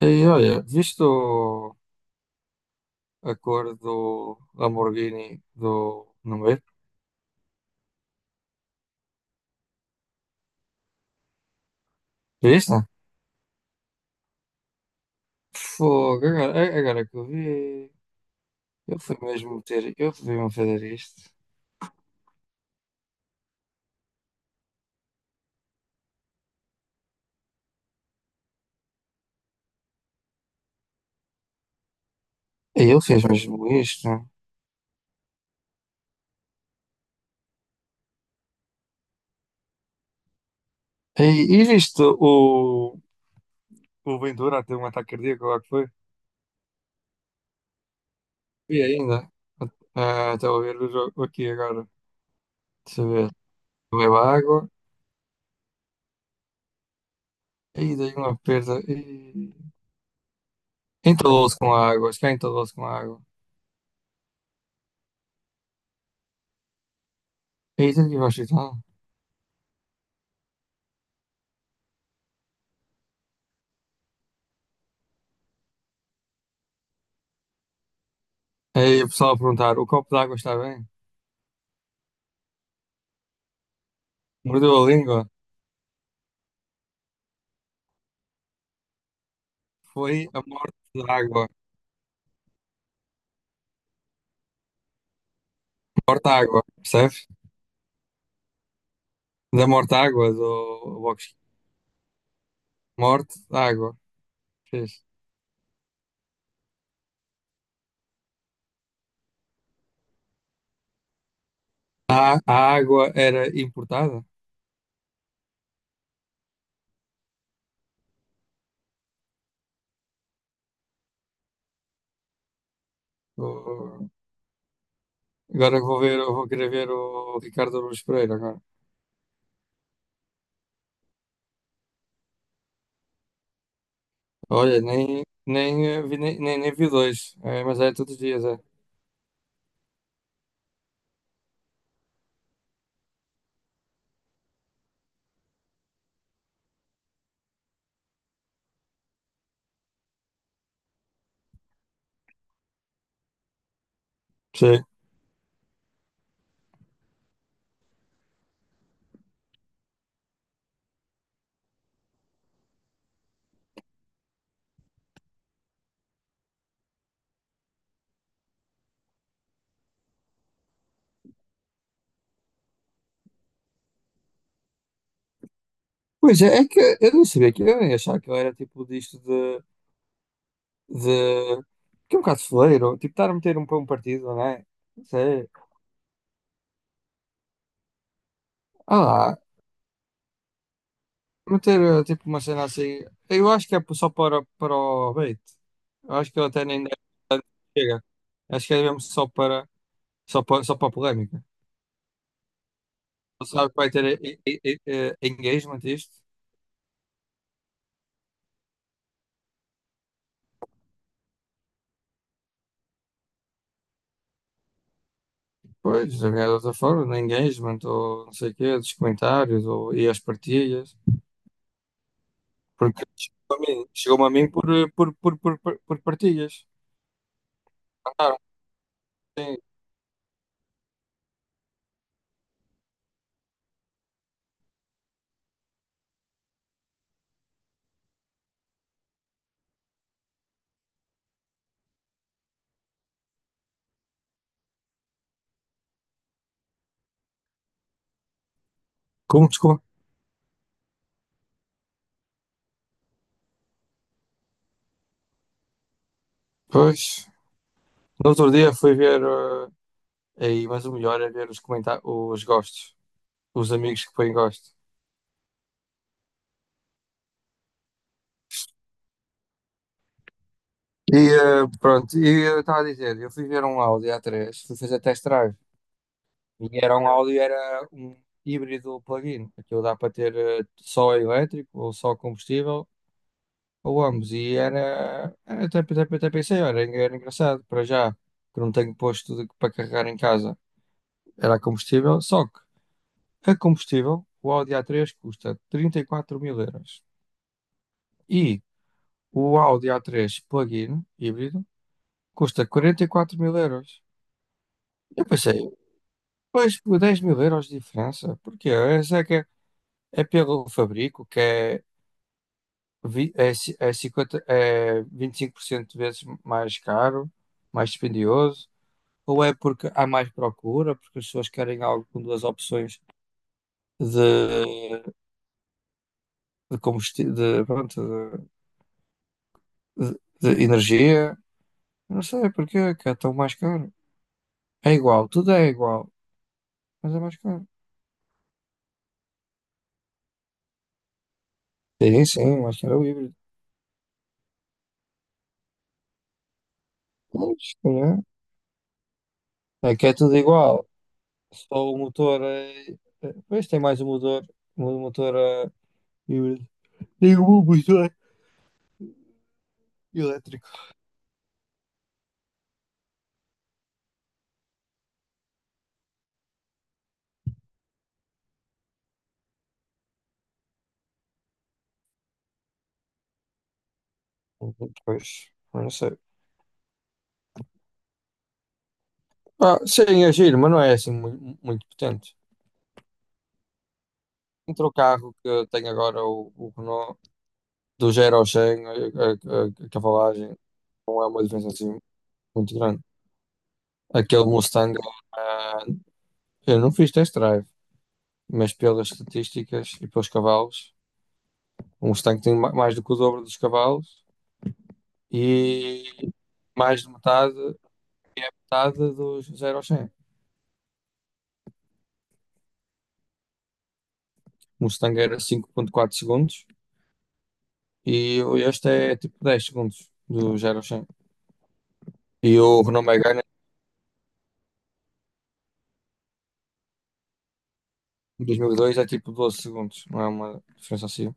E olha, viste a cor do Lamborghini do Número? Viste? Fogo, agora que eu vi, eu fui mesmo fazer isto. E ele fez mesmo isto. E, e viste o Ventura a ter um ataque cardíaco lá que foi? Vi ainda. Ah, estava a ver o jogo aqui agora. Deixa eu ver. Bebeu água. E dei uma perda. E entalou-se com a água. Acho que entalou-se com a água. E teve que ir ao hospital. Aí o pessoal a perguntar: o copo d'água está bem? Mordeu a língua? Foi a morte da água. Morte à água, percebes? Da morte à água do box. Morte à água. Fiz. A água era importada? O- Agora vou ver, eu vou querer ver o Ricardo Aruz Pereira agora. Olha, nem, nem, vi, nem, nem, nem vi dois, é, mas é todos os dias, é. Sim. Pois é, é que eu não sabia, que eu nem achava que eu era tipo disto, de de que é um bocado fuleiro, tipo, estar a meter um para um partido, não é? Sei. Ah lá, meter tipo uma cena assim. Eu acho que é só para o bait. Eu acho que ele até nem chega. Acho que é mesmo só para a polémica. Ele sabe que vai ter engagement isto. Pois, de alguma outra forma, no engagement, ou não sei o quê, dos comentários, ou, e as partilhas. Porque chegou-me a mim por, eh, por partilhas. Mandaram, sim. Como, desculpa? Pois, no outro dia fui ver, aí, mas o melhor é ver os comentários, os gostos, os amigos que põem gosto. E pronto, e eu estava a dizer, eu fui ver um Audi A3, fui fazer test drive, e era um híbrido plug-in, aquilo dá para ter só elétrico, ou só combustível, ou ambos, e até, até pensei, olha, era engraçado, para já, que não tenho posto para carregar em casa, era combustível, só que a combustível, o Audi A3 custa 34 mil euros. E o Audi A3 plug-in híbrido custa 44 mil euros. Eu pensei, pois por 10 mil euros de diferença, porque essa é que é, é pelo fabrico, que é, 50, é 25% de vezes mais caro, mais dispendioso, ou é porque há mais procura, porque as pessoas querem algo com duas opções de, de combustível, de, pronto, de, de- de energia. Não sei porquê, que é tão mais caro. É igual, tudo é igual, mas é mais caro. Sim, sim, mais caro é o híbrido. Pois, se calhar. É que é tudo igual. Só o motor é. Pois tem mais um motor. Um motor é híbrido. Tem um motor elétrico. Pois, não sei. Ah, sim, é giro, mas não é assim muito, muito potente. Entre o carro que eu tenho agora, o Renault, do 0 ao 100, a cavalagem, não é uma diferença assim muito grande. Aquele Mustang eh, eu não fiz test drive, mas pelas estatísticas e pelos cavalos, um Mustang tem mais do que o dobro dos cavalos e mais de metade, metade dos 0 aos 100. O Mustang era 5,4 segundos e este é tipo 10 segundos do 0 ao 100. E o Renault Megane em 2002 é tipo 12 segundos, não é uma diferença assim.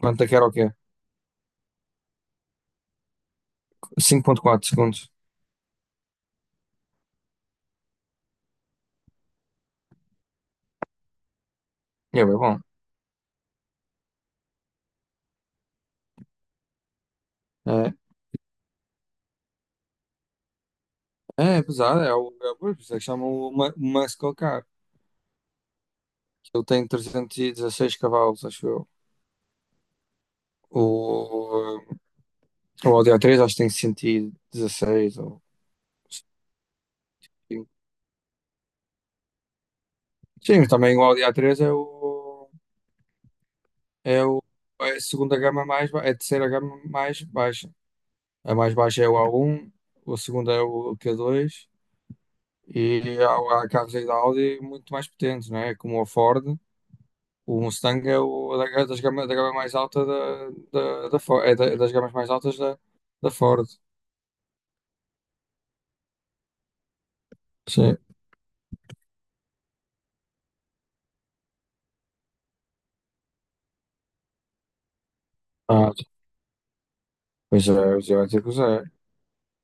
Quanto é que era o quê? 5,4 segundos. É bem bom. É, é pesado, por isso é que chamam uma muscle car. Ele tem 316 cavalos, acho eu. O, o Audi a três acho que tem 116 ou. Sim, mas também o Audi a três é o é o é a segunda gama é a terceira gama mais baixa. A mais baixa é o A1, a segunda é o Q2 e há carros aí da Audi muito mais potentes, não é? Como o Ford, o Mustang é o é da, é das gama, da gama mais alta da Ford, é das gamas mais altas da Ford. Sim. Ah, pois já vai ter que usar.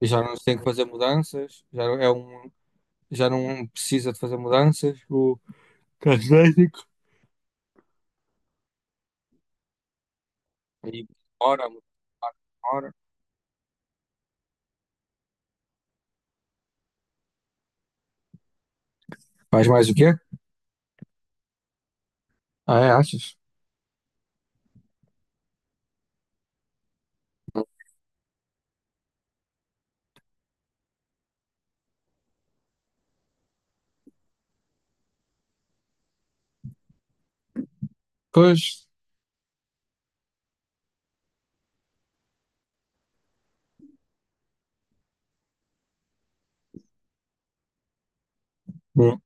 E já não se tem que fazer mudanças, já não precisa de fazer mudanças. O carro elétrico. E hora, hora. Faz mais o quê? Ah, é, achas? Pois, hum.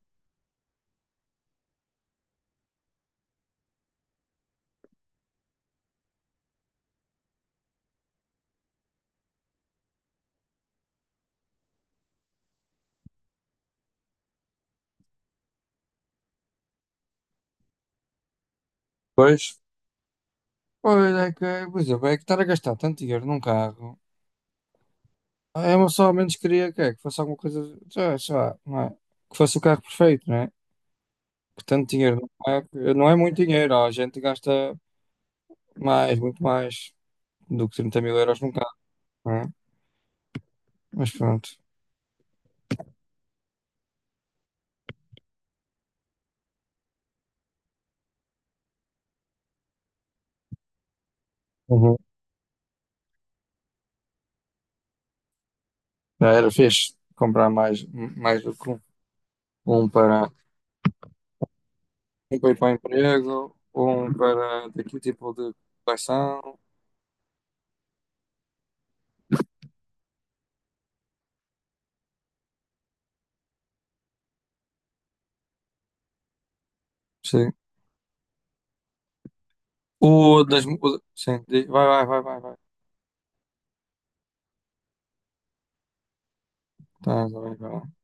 pois, pois é que, por exemplo, é que estar a gastar tanto dinheiro num carro. É uma, só ao menos queria que fosse alguma coisa, sei lá, não é? Que fosse o carro perfeito, não é? Que tanto dinheiro, não é muito dinheiro, ó, a gente gasta mais, muito mais do que 30 mil euros num carro, não é? Mas pronto. Uhum. Já era fixe comprar mais do que um. Um para, Um para ir para o emprego, um para daquele tipo de coleção. Sim. O das. Mu- o- Sim, vai, vai, vai, vai, vai. Tá, vai, vai lá.